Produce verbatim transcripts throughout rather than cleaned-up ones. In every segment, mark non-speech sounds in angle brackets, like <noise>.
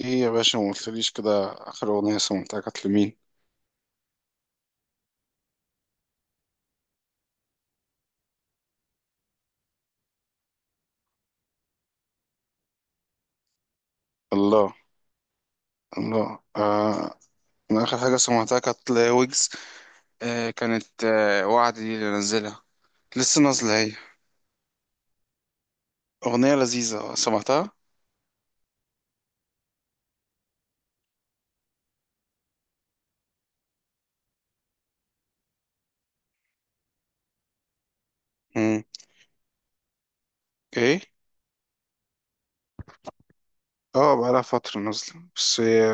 ايه يا باشا ما قلتليش كده. اخر اغنية سمعتها كانت لمين؟ الله. الله آه. انا اخر حاجة سمعتها كانت لويجز. آه كانت آه وعد دي اللي نزلها. لسه نازلة هي؟ اغنية لذيذة سمعتها. مم. ايه. اه بقالها فترة نازلة بس هي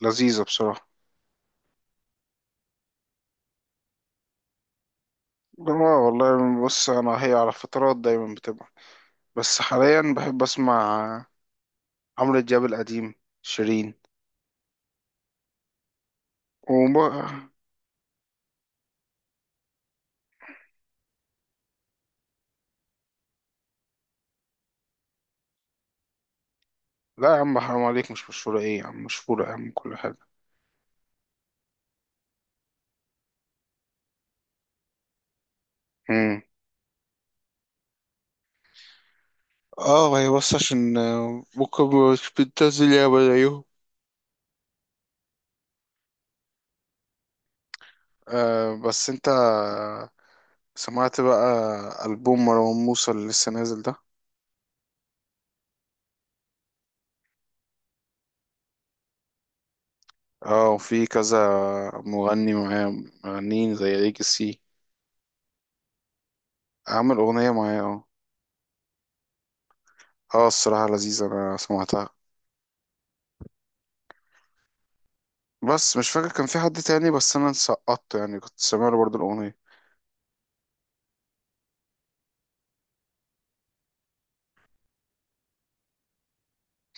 لذيذة بصراحة. اه والله، بص انا هي على فترات دايما بتبقى، بس حاليا بحب اسمع عمرو دياب القديم، شيرين، وب... لا يا عم حرام عليك، مش مشهورة ايه يا عم، مشهورة يا عم كل حاجة. اه هي بس عشان آه، ممكن مش بتنزل ياما زيهم. آه بس انت آه، سمعت بقى ألبوم مروان موسى اللي لسه نازل ده؟ اه وفي كذا مغني معاه، مغنيين زي ليجاسي، عامل أغنية معاه اه. اه الصراحة لذيذة أنا سمعتها. بس مش فاكر كان في حد تاني بس أنا سقطت يعني كنت سامع له برضه الأغنية.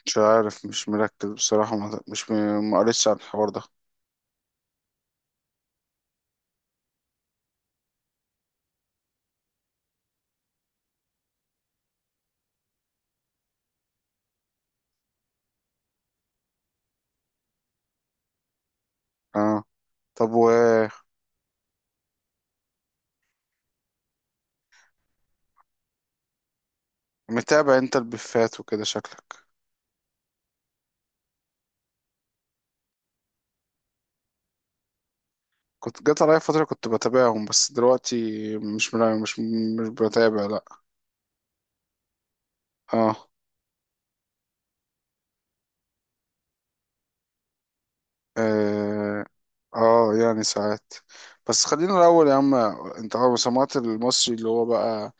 مش عارف، مش مركز بصراحة، ما- مش م- ما قريتش عن الحوار ده. اه طب ومتابع انت البفات وكده شكلك؟ كنت جات عليا فترة كنت بتابعهم بس دلوقتي مش ملا- مش مش بتابع لا. اه. اه آه، يعني ساعات، بس خلينا الأول يا عم، انت عارف سمعت المصري اللي هو بقى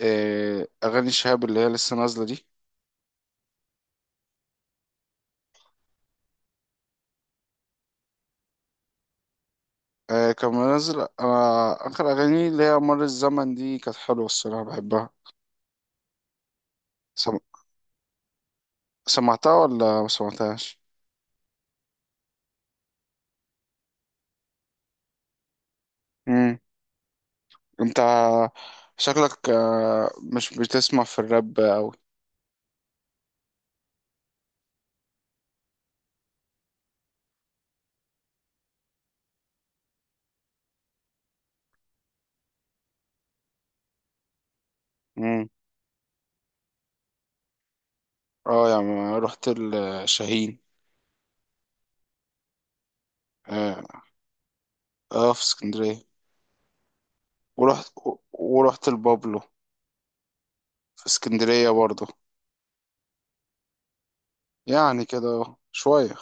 آه أغاني شهاب اللي هي لسه نازلة دي؟ آه كان منزل، أنا آخر أغاني اللي هي مر الزمن دي كانت حلوة الصراحة بحبها. سم... سمعتها ولا ما سمعتهاش؟ مم. انت شكلك آه، مش بتسمع في الراب أوي. اه يا عم رحت الشاهين. اه آه، في اسكندرية. ورحت، ورحت البابلو في اسكندرية برضه. يعني كده شوية.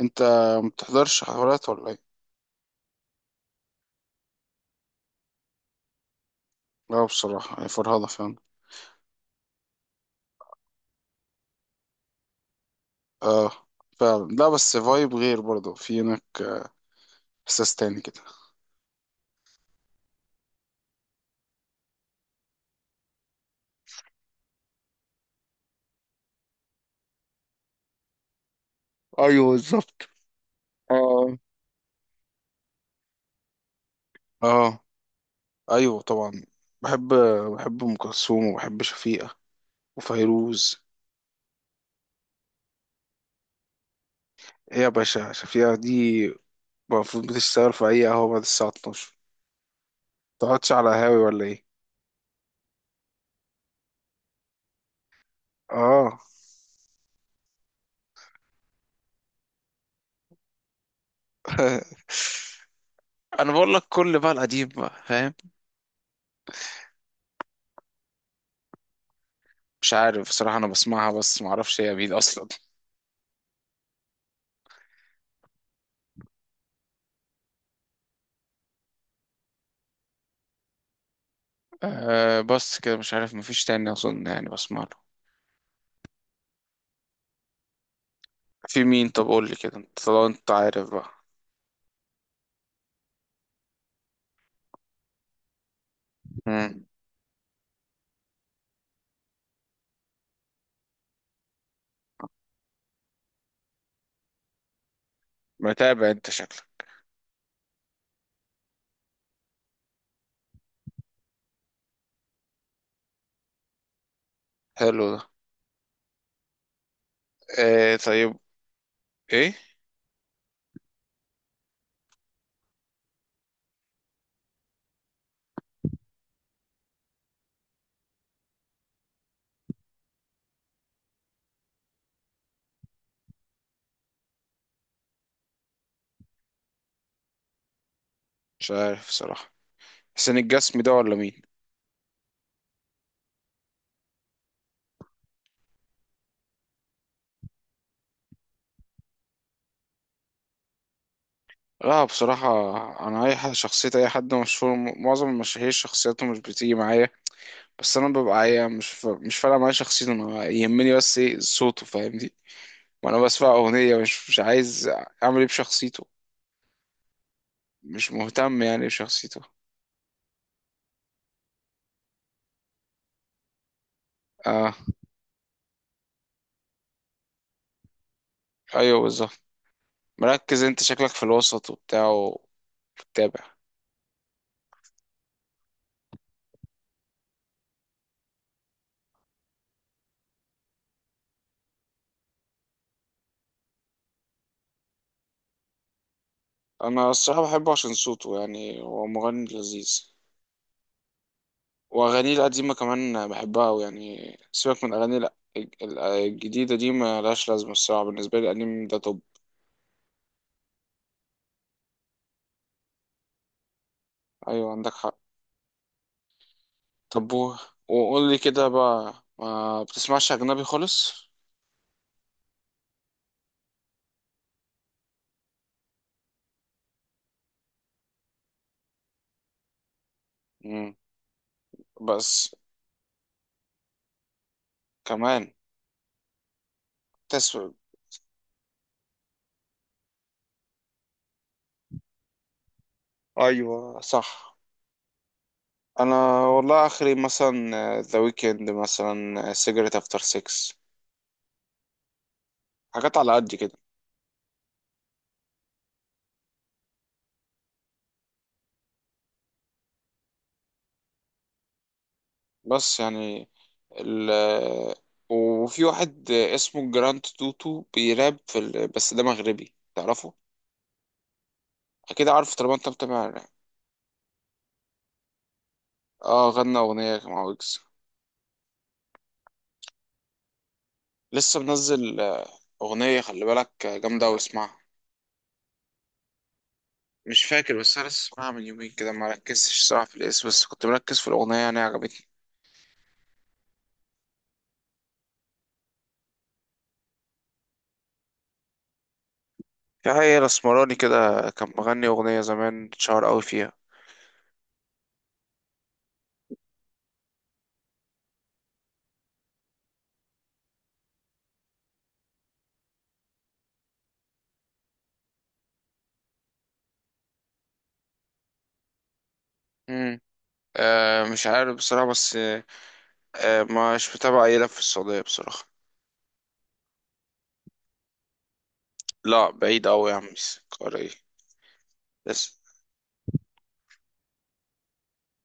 انت ما بتحضرش حفلات ولا ايه؟ لا بصراحة هي فرهضة فعلا. اه فعلا، لا بس فايب غير برضه في هناك آه، احساس تاني كده. ايوه بالظبط. آه. اه ايوه طبعا. بحب، بحب ام كلثوم وبحب شفيقة وفيروز. ايه يا باشا، شفيقة دي المفروض بتشتغل في اي قهوة بعد الساعة اتناشر، تقعدش على هاوي ولا ايه؟ اه <laughs> انا بقول لك كل بقى القديم بقى فاهم. مش عارف بصراحة، انا بسمعها بس ما اعرفش هي مين اصلا. <laughs> آه بس كده، مش عارف مفيش تاني اظن يعني بسمع له. في مين طب قول لي كده انت طالما انت عارف بقى. مم. متابع انت شكلك. حلو ده. آه طيب. ايه مش عارف بصراحة، حسين الجسمي ده ولا مين؟ لا بصراحة أنا أي حد، شخصية أي حد مشهور، معظم المشاهير شخصيته مش بتيجي معايا. بس انا ببقى عايز، مش ف... مش فارقه معايا شخصيته، انا يهمني بس ايه صوته فاهمني. وانا بسمع اغنيه مش مش عايز اعمل ايه بشخصيته، مش مهتم يعني بشخصيته. اه ايوه بالظبط. مركز انت شكلك في الوسط وبتاع وبتتابع. انا الصراحه بحبه عشان صوته، يعني هو مغني لذيذ. واغانيه القديمه كمان بحبها أوي، يعني سيبك من اغاني الجديده دي ملهاش لازمه الصراحه بالنسبه لي، القديم ده طب. ايوه عندك حق. طب و... وقول لي كده بقى ما بتسمعش أجنبي خالص؟ مم. بس كمان تسوى. أيوة صح. أنا والله آخري مثلا ذا ويكند، مثلا سيجرت أفتر سيكس، حاجات على قد كده. بس يعني ال... وفي واحد اسمه جراند توتو بيراب في ال... بس ده مغربي، تعرفه؟ أكيد عارفه طالما أنت متابع يعني. اه غنى أغنية مع ويجز. لسه منزل آه، أغنية، خلي بالك آه، جامدة واسمعها. مش فاكر، بس انا لسه اسمعها من يومين كده، ما ركزتش صراحه في الاسم بس كنت مركز في الاغنيه يعني عجبتني. في حقيقة الاسمراني كده كان مغني اغنيه زمان اتشهر قوي فيها. امم آه مش عارف بصراحه، بس آه آه، مش متابع اي لف في السعوديه بصراحه. لا بعيد قوي يا عم، قاري. بس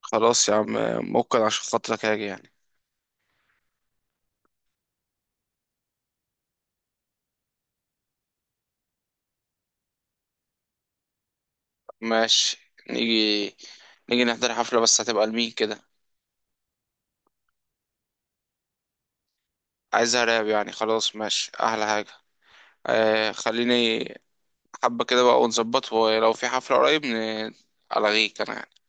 خلاص يا عم آه، ممكن عشان خاطرك هاجي يعني. ماشي نيجي، نيجي نحضر حفله بس هتبقى لمين كده؟ عايزها راب يعني؟ خلاص ماشي احلى حاجه. آه خليني حبة كده بقى ونظبط، ولو في حفلة قريب ن- ألغيك أنا.